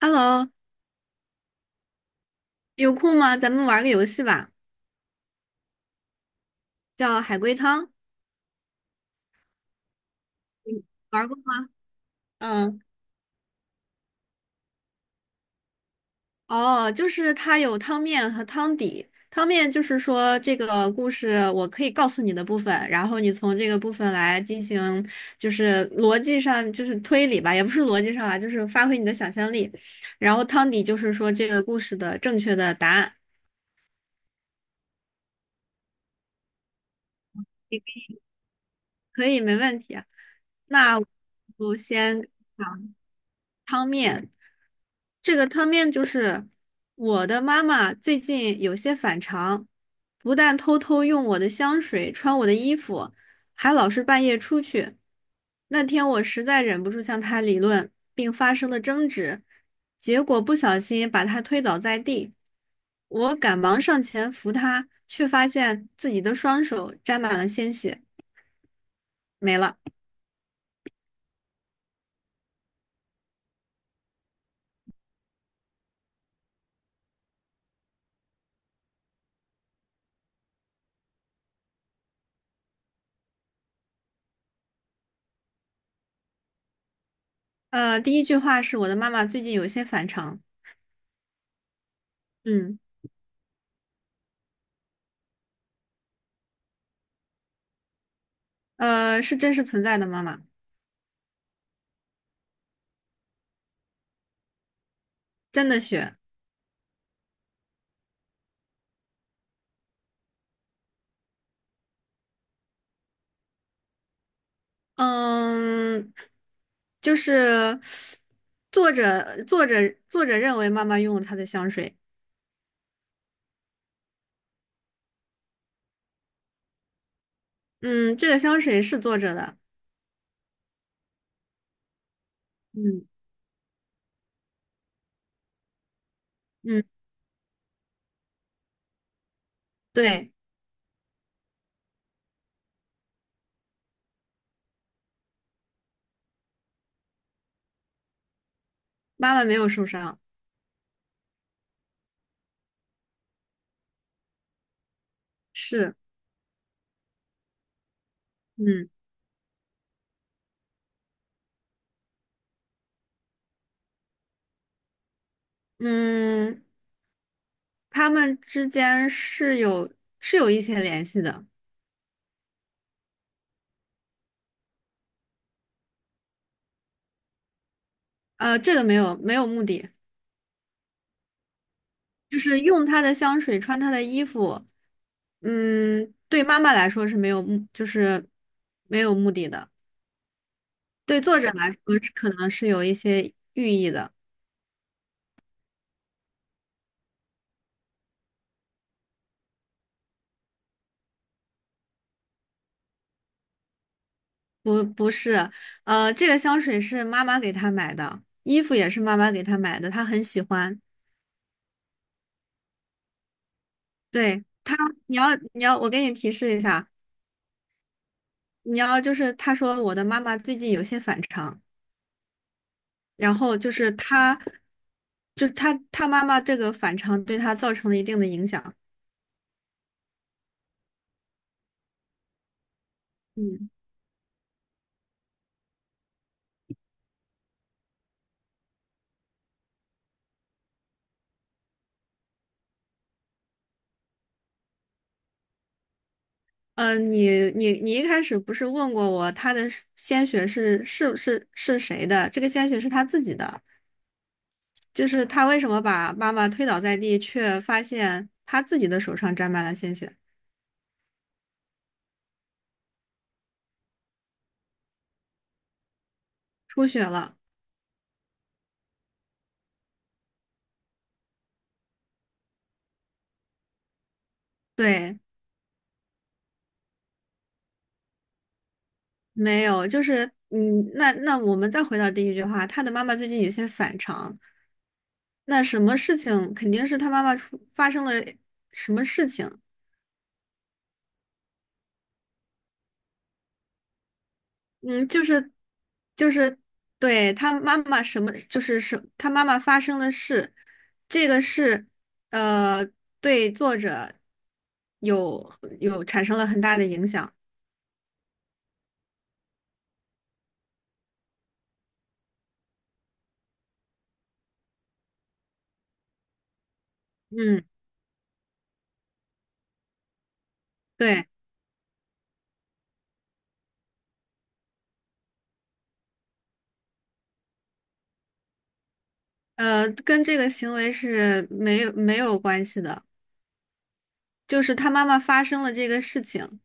Hello，有空吗？咱们玩个游戏吧，叫海龟汤，玩过吗？嗯，哦，就是它有汤面和汤底。汤面就是说这个故事我可以告诉你的部分，然后你从这个部分来进行，就是逻辑上就是推理吧，也不是逻辑上啊，就是发挥你的想象力。然后汤底就是说这个故事的正确的答案，可以，没问题啊。那我就先讲汤面。这个汤面就是我的妈妈最近有些反常，不但偷偷用我的香水、穿我的衣服，还老是半夜出去。那天我实在忍不住向她理论，并发生了争执，结果不小心把她推倒在地。我赶忙上前扶她，却发现自己的双手沾满了鲜血，没了。第一句话是我的妈妈最近有些反常，嗯，是真实存在的妈妈，真的血。嗯，就是作者作者认为妈妈用了他的香水，嗯，这个香水是作者的，嗯嗯，对，妈妈没有受伤，是，嗯嗯，他们之间是有一些联系的，这个没有目的，就是用他的香水，穿他的衣服，嗯，对妈妈来说是没有目，就是没有目的的。对作者来说是可能是有一些寓意的，不是，这个香水是妈妈给他买的，衣服也是妈妈给他买的，他很喜欢。对他，你要，我给你提示一下，你要就是他说我的妈妈最近有些反常，然后就是他，就是他妈妈这个反常对他造成了一定的影响。嗯，你一开始不是问过我他的鲜血是谁的？这个鲜血是他自己的。就是他为什么把妈妈推倒在地，却发现他自己的手上沾满了鲜血，出血了。对，没有，就是嗯，那我们再回到第一句话，他的妈妈最近有些反常。那什么事情肯定是他妈妈出发生了什么事情？嗯，就是对他妈妈什么，就是什他妈妈发生的事，这个是呃对作者有有产生了很大的影响。嗯。对，跟这个行为是没有关系的，就是他妈妈发生了这个事情，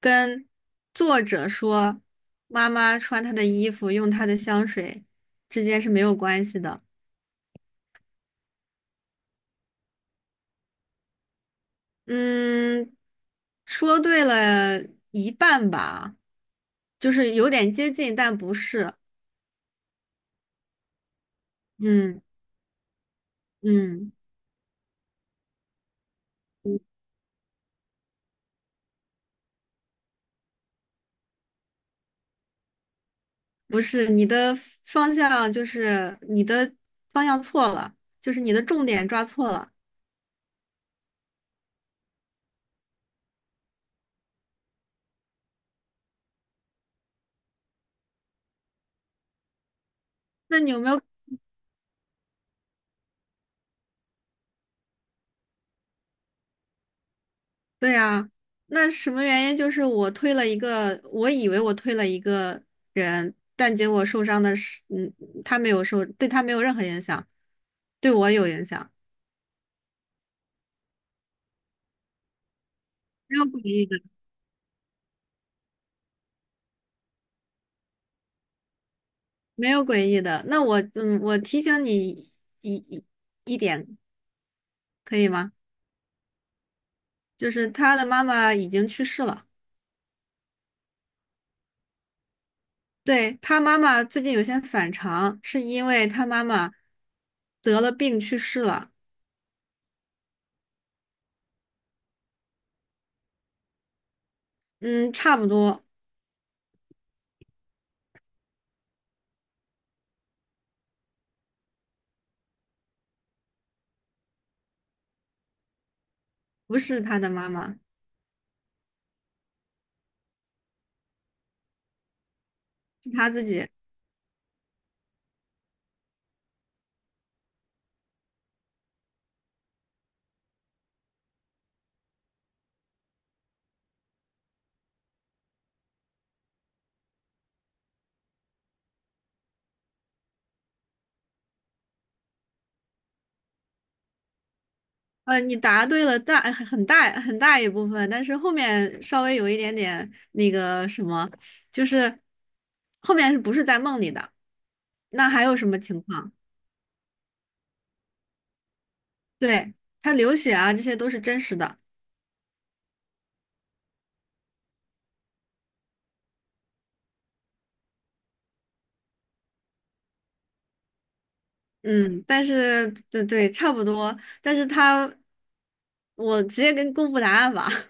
跟作者说妈妈穿他的衣服，用他的香水之间是没有关系的。嗯，说对了一半吧，就是有点接近，但不是。嗯嗯，不是，你的方向就是你的方向错了，就是你的重点抓错了。那你有没有？对啊，那什么原因？就是我推了一个，我以为我推了一个人，但结果受伤的是，嗯，他没有受，对他没有任何影响，对我有影响，没有诡异的，没有诡异的。那我，嗯，我提醒你一一一点，可以吗？就是他的妈妈已经去世了，对，他妈妈最近有些反常，是因为他妈妈得了病去世了。嗯，差不多，不是他的妈妈，是他自己。你答对了大很大很大一部分，但是后面稍微有一点点那个什么，就是后面是不是在梦里的？那还有什么情况？对，他流血啊，这些都是真实的。嗯，但是对对，差不多。但是他，我直接跟公布答案吧。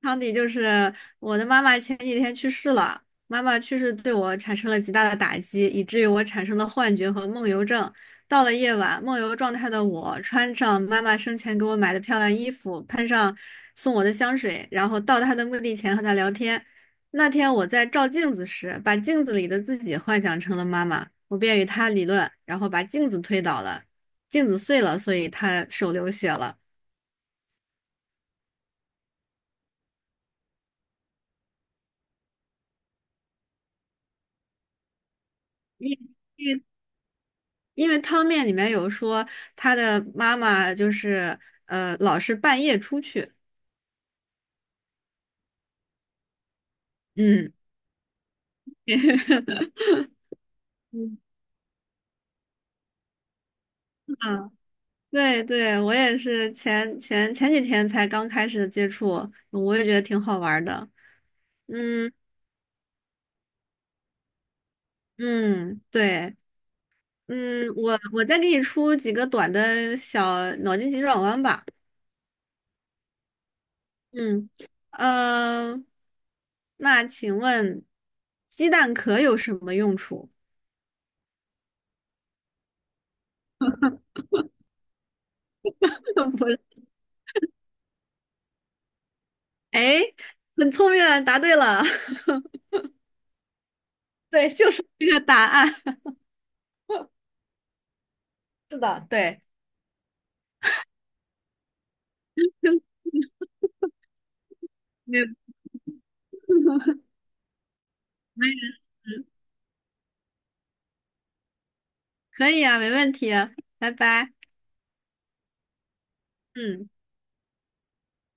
汤底就是我的妈妈前几天去世了，妈妈去世对我产生了极大的打击，以至于我产生了幻觉和梦游症。到了夜晚，梦游状态的我穿上妈妈生前给我买的漂亮衣服，喷上送我的香水，然后到她的墓地前和她聊天。那天我在照镜子时，把镜子里的自己幻想成了妈妈，我便与她理论，然后把镜子推倒了，镜子碎了，所以她手流血了。因为汤面里面有说他的妈妈就是老是半夜出去，嗯。嗯，啊，对对，我也是前几天才刚开始接触，我也觉得挺好玩儿的。嗯嗯，对，嗯，我再给你出几个短的小脑筋急转弯吧。嗯，呃，那请问鸡蛋壳有什么用处？不是，哎，很聪明啊，答对了。对，就是这个答案。是的，对，没有没可以啊，没问题啊拜拜。嗯。